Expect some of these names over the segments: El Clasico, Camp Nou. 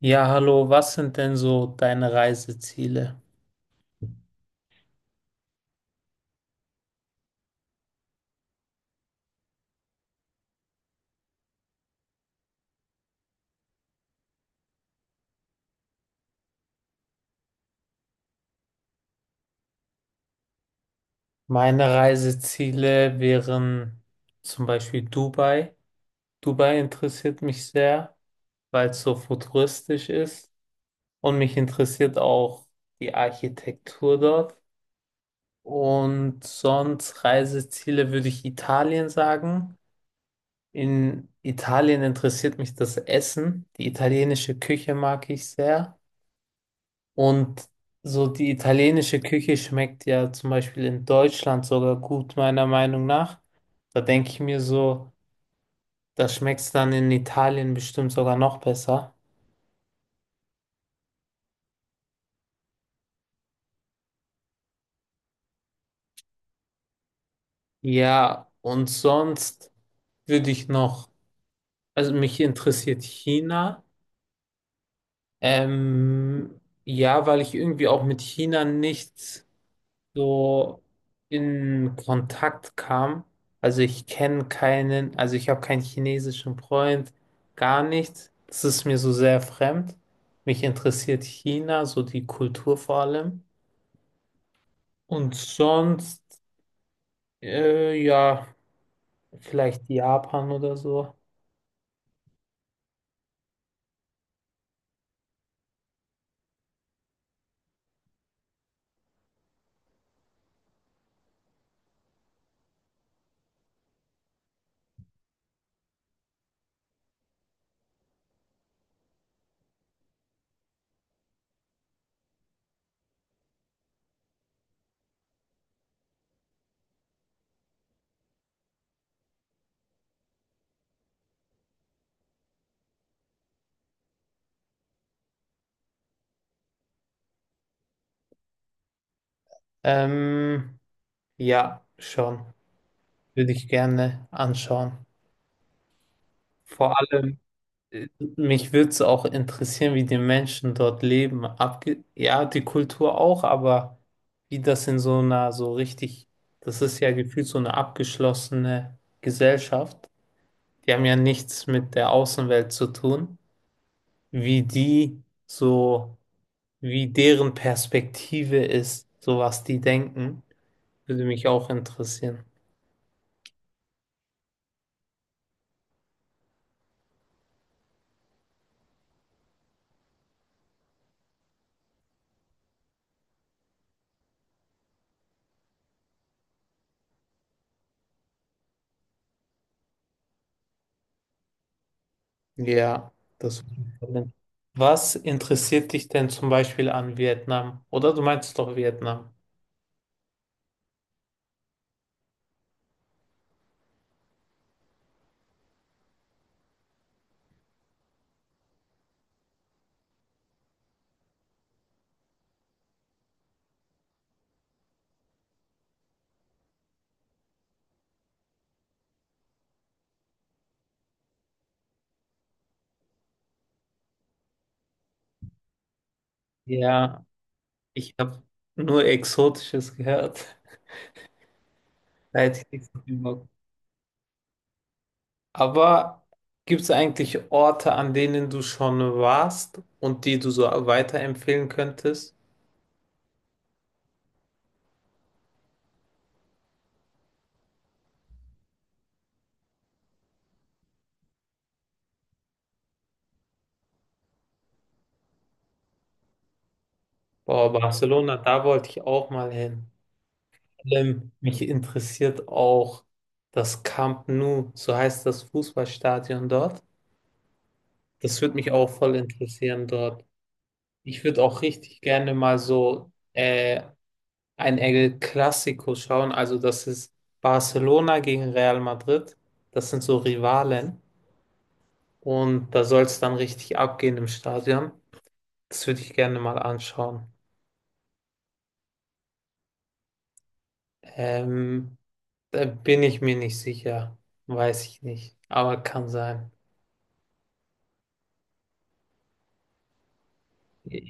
Ja, hallo, was sind denn so deine Reiseziele? Meine Reiseziele wären zum Beispiel Dubai. Dubai interessiert mich sehr, weil es so futuristisch ist, und mich interessiert auch die Architektur dort. Und sonst Reiseziele würde ich Italien sagen. In Italien interessiert mich das Essen. Die italienische Küche mag ich sehr. Und so, die italienische Küche schmeckt ja zum Beispiel in Deutschland sogar gut, meiner Meinung nach. Da denke ich mir so, das schmeckt dann in Italien bestimmt sogar noch besser. Ja, und sonst würde ich noch, also mich interessiert China. Ähm, ja, weil ich irgendwie auch mit China nichts, so in Kontakt kam. Also ich kenne keinen, also ich habe keinen chinesischen Freund, gar nichts. Das ist mir so sehr fremd. Mich interessiert China, so die Kultur vor allem. Und sonst, ja, vielleicht Japan oder so. Ähm, ja, schon. Würde ich gerne anschauen. Vor allem. Mich würde es auch interessieren, wie die Menschen dort leben. Abge ja, die Kultur auch, aber wie das in so einer so richtig, das ist ja gefühlt so eine abgeschlossene Gesellschaft. Die haben ja nichts mit der Außenwelt zu tun. Wie die so, wie deren Perspektive ist, so was die denken, würde mich auch interessieren. Ja, das. Was interessiert dich denn zum Beispiel an Vietnam? Oder du meinst doch Vietnam? Ja, ich habe nur Exotisches gehört. Da hätte ich nicht so viel Bock. Aber gibt es eigentlich Orte, an denen du schon warst und die du so weiterempfehlen könntest? Boah, Barcelona, da wollte ich auch mal hin. Vor allem, mich interessiert auch das Camp Nou, so heißt das Fußballstadion dort. Das würde mich auch voll interessieren dort. Ich würde auch richtig gerne mal so ein El Clasico schauen. Also das ist Barcelona gegen Real Madrid. Das sind so Rivalen. Und da soll es dann richtig abgehen im Stadion. Das würde ich gerne mal anschauen. Ähm, Da bin ich mir nicht sicher. Weiß ich nicht. Aber kann sein.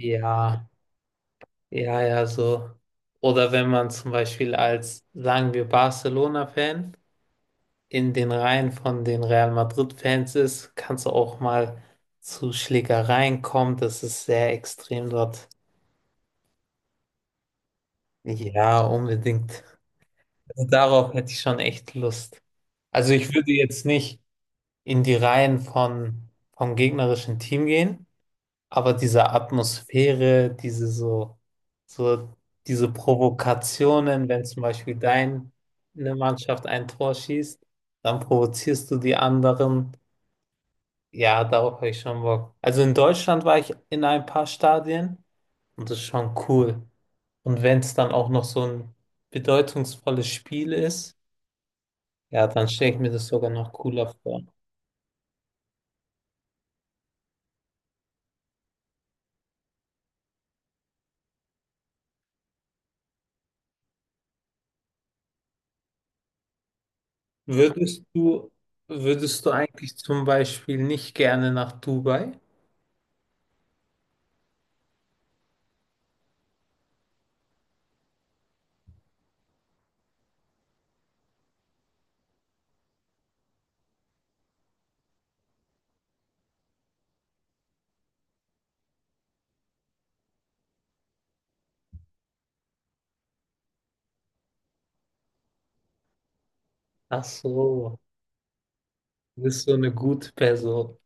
Ja, ja, ja, so. Oder wenn man zum Beispiel als, sagen wir, Barcelona-Fan in den Reihen von den Real Madrid-Fans ist, kann es auch mal zu Schlägereien kommen. Das ist sehr extrem dort. Ja, unbedingt. Also darauf hätte ich schon echt Lust. Also ich würde jetzt nicht in die Reihen von, vom gegnerischen Team gehen, aber diese Atmosphäre, diese so, so diese Provokationen, wenn zum Beispiel deine Mannschaft ein Tor schießt, dann provozierst du die anderen. Ja, darauf habe ich schon Bock. Also in Deutschland war ich in ein paar Stadien und das ist schon cool. Und wenn es dann auch noch so ein bedeutungsvolles Spiel ist, ja, dann stelle ich mir das sogar noch cooler vor. Würdest du, würdest du eigentlich zum Beispiel nicht gerne nach Dubai? Ach so, du bist so eine gute Person.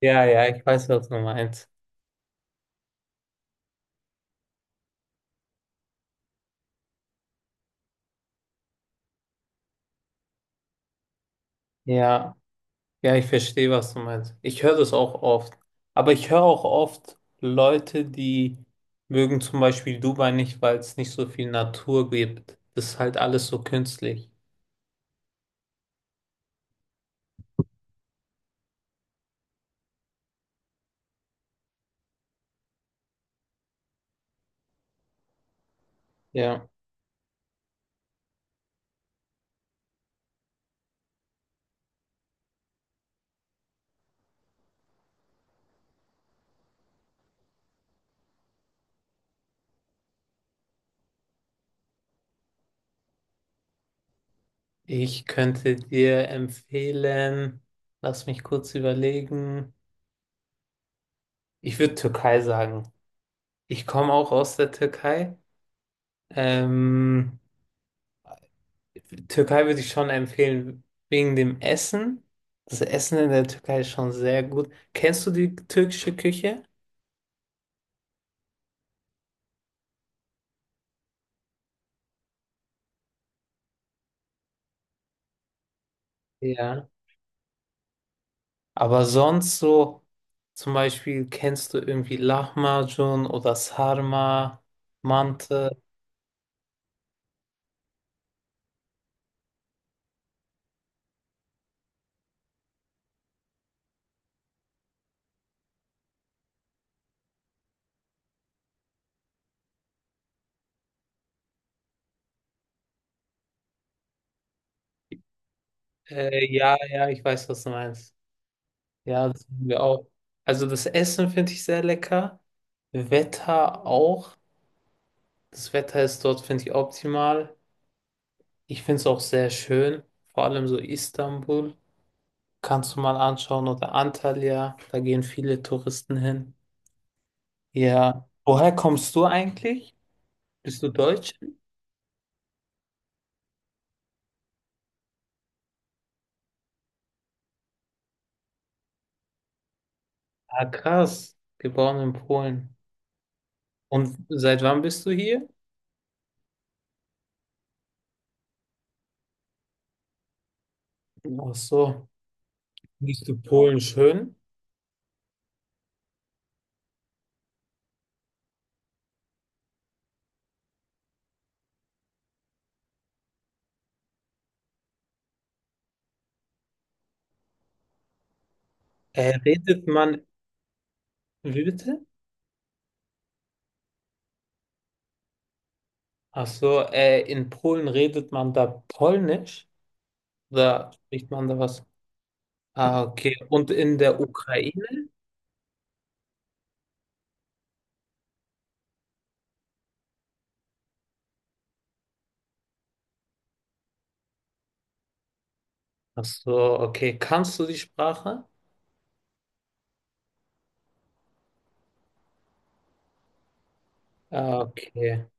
Ja, ja, ich weiß, was du meinst. Ja. Ja, ich verstehe, was du meinst. Ich höre das auch oft. Aber ich höre auch oft Leute, die mögen zum Beispiel Dubai nicht, weil es nicht so viel Natur gibt. Das ist halt alles so künstlich. Ja. Ich könnte dir empfehlen, lass mich kurz überlegen. Ich würde Türkei sagen. Ich komme auch aus der Türkei. Ähm, Türkei würde ich schon empfehlen, wegen dem Essen. Das Essen in der Türkei ist schon sehr gut. Kennst du die türkische Küche? Ja. Aber sonst so, zum Beispiel kennst du irgendwie Lahmacun oder Sarma, Mante. Ja, ja, ich weiß, was du meinst. Ja, das haben wir auch. Also das Essen finde ich sehr lecker. Wetter auch. Das Wetter ist dort, finde ich, optimal. Ich finde es auch sehr schön. Vor allem so Istanbul. Kannst du mal anschauen oder Antalya. Da gehen viele Touristen hin. Ja. Woher kommst du eigentlich? Bist du Deutsch? Ah, krass. Geboren in Polen. Und seit wann bist du hier? Ach so. Bist du Polen schön? Redet man, wie bitte? Ach so, in Polen redet man da Polnisch? Oder spricht man da was? Ah, okay. Und in der Ukraine? Ach so, okay. Kannst du die Sprache? Ah, okay.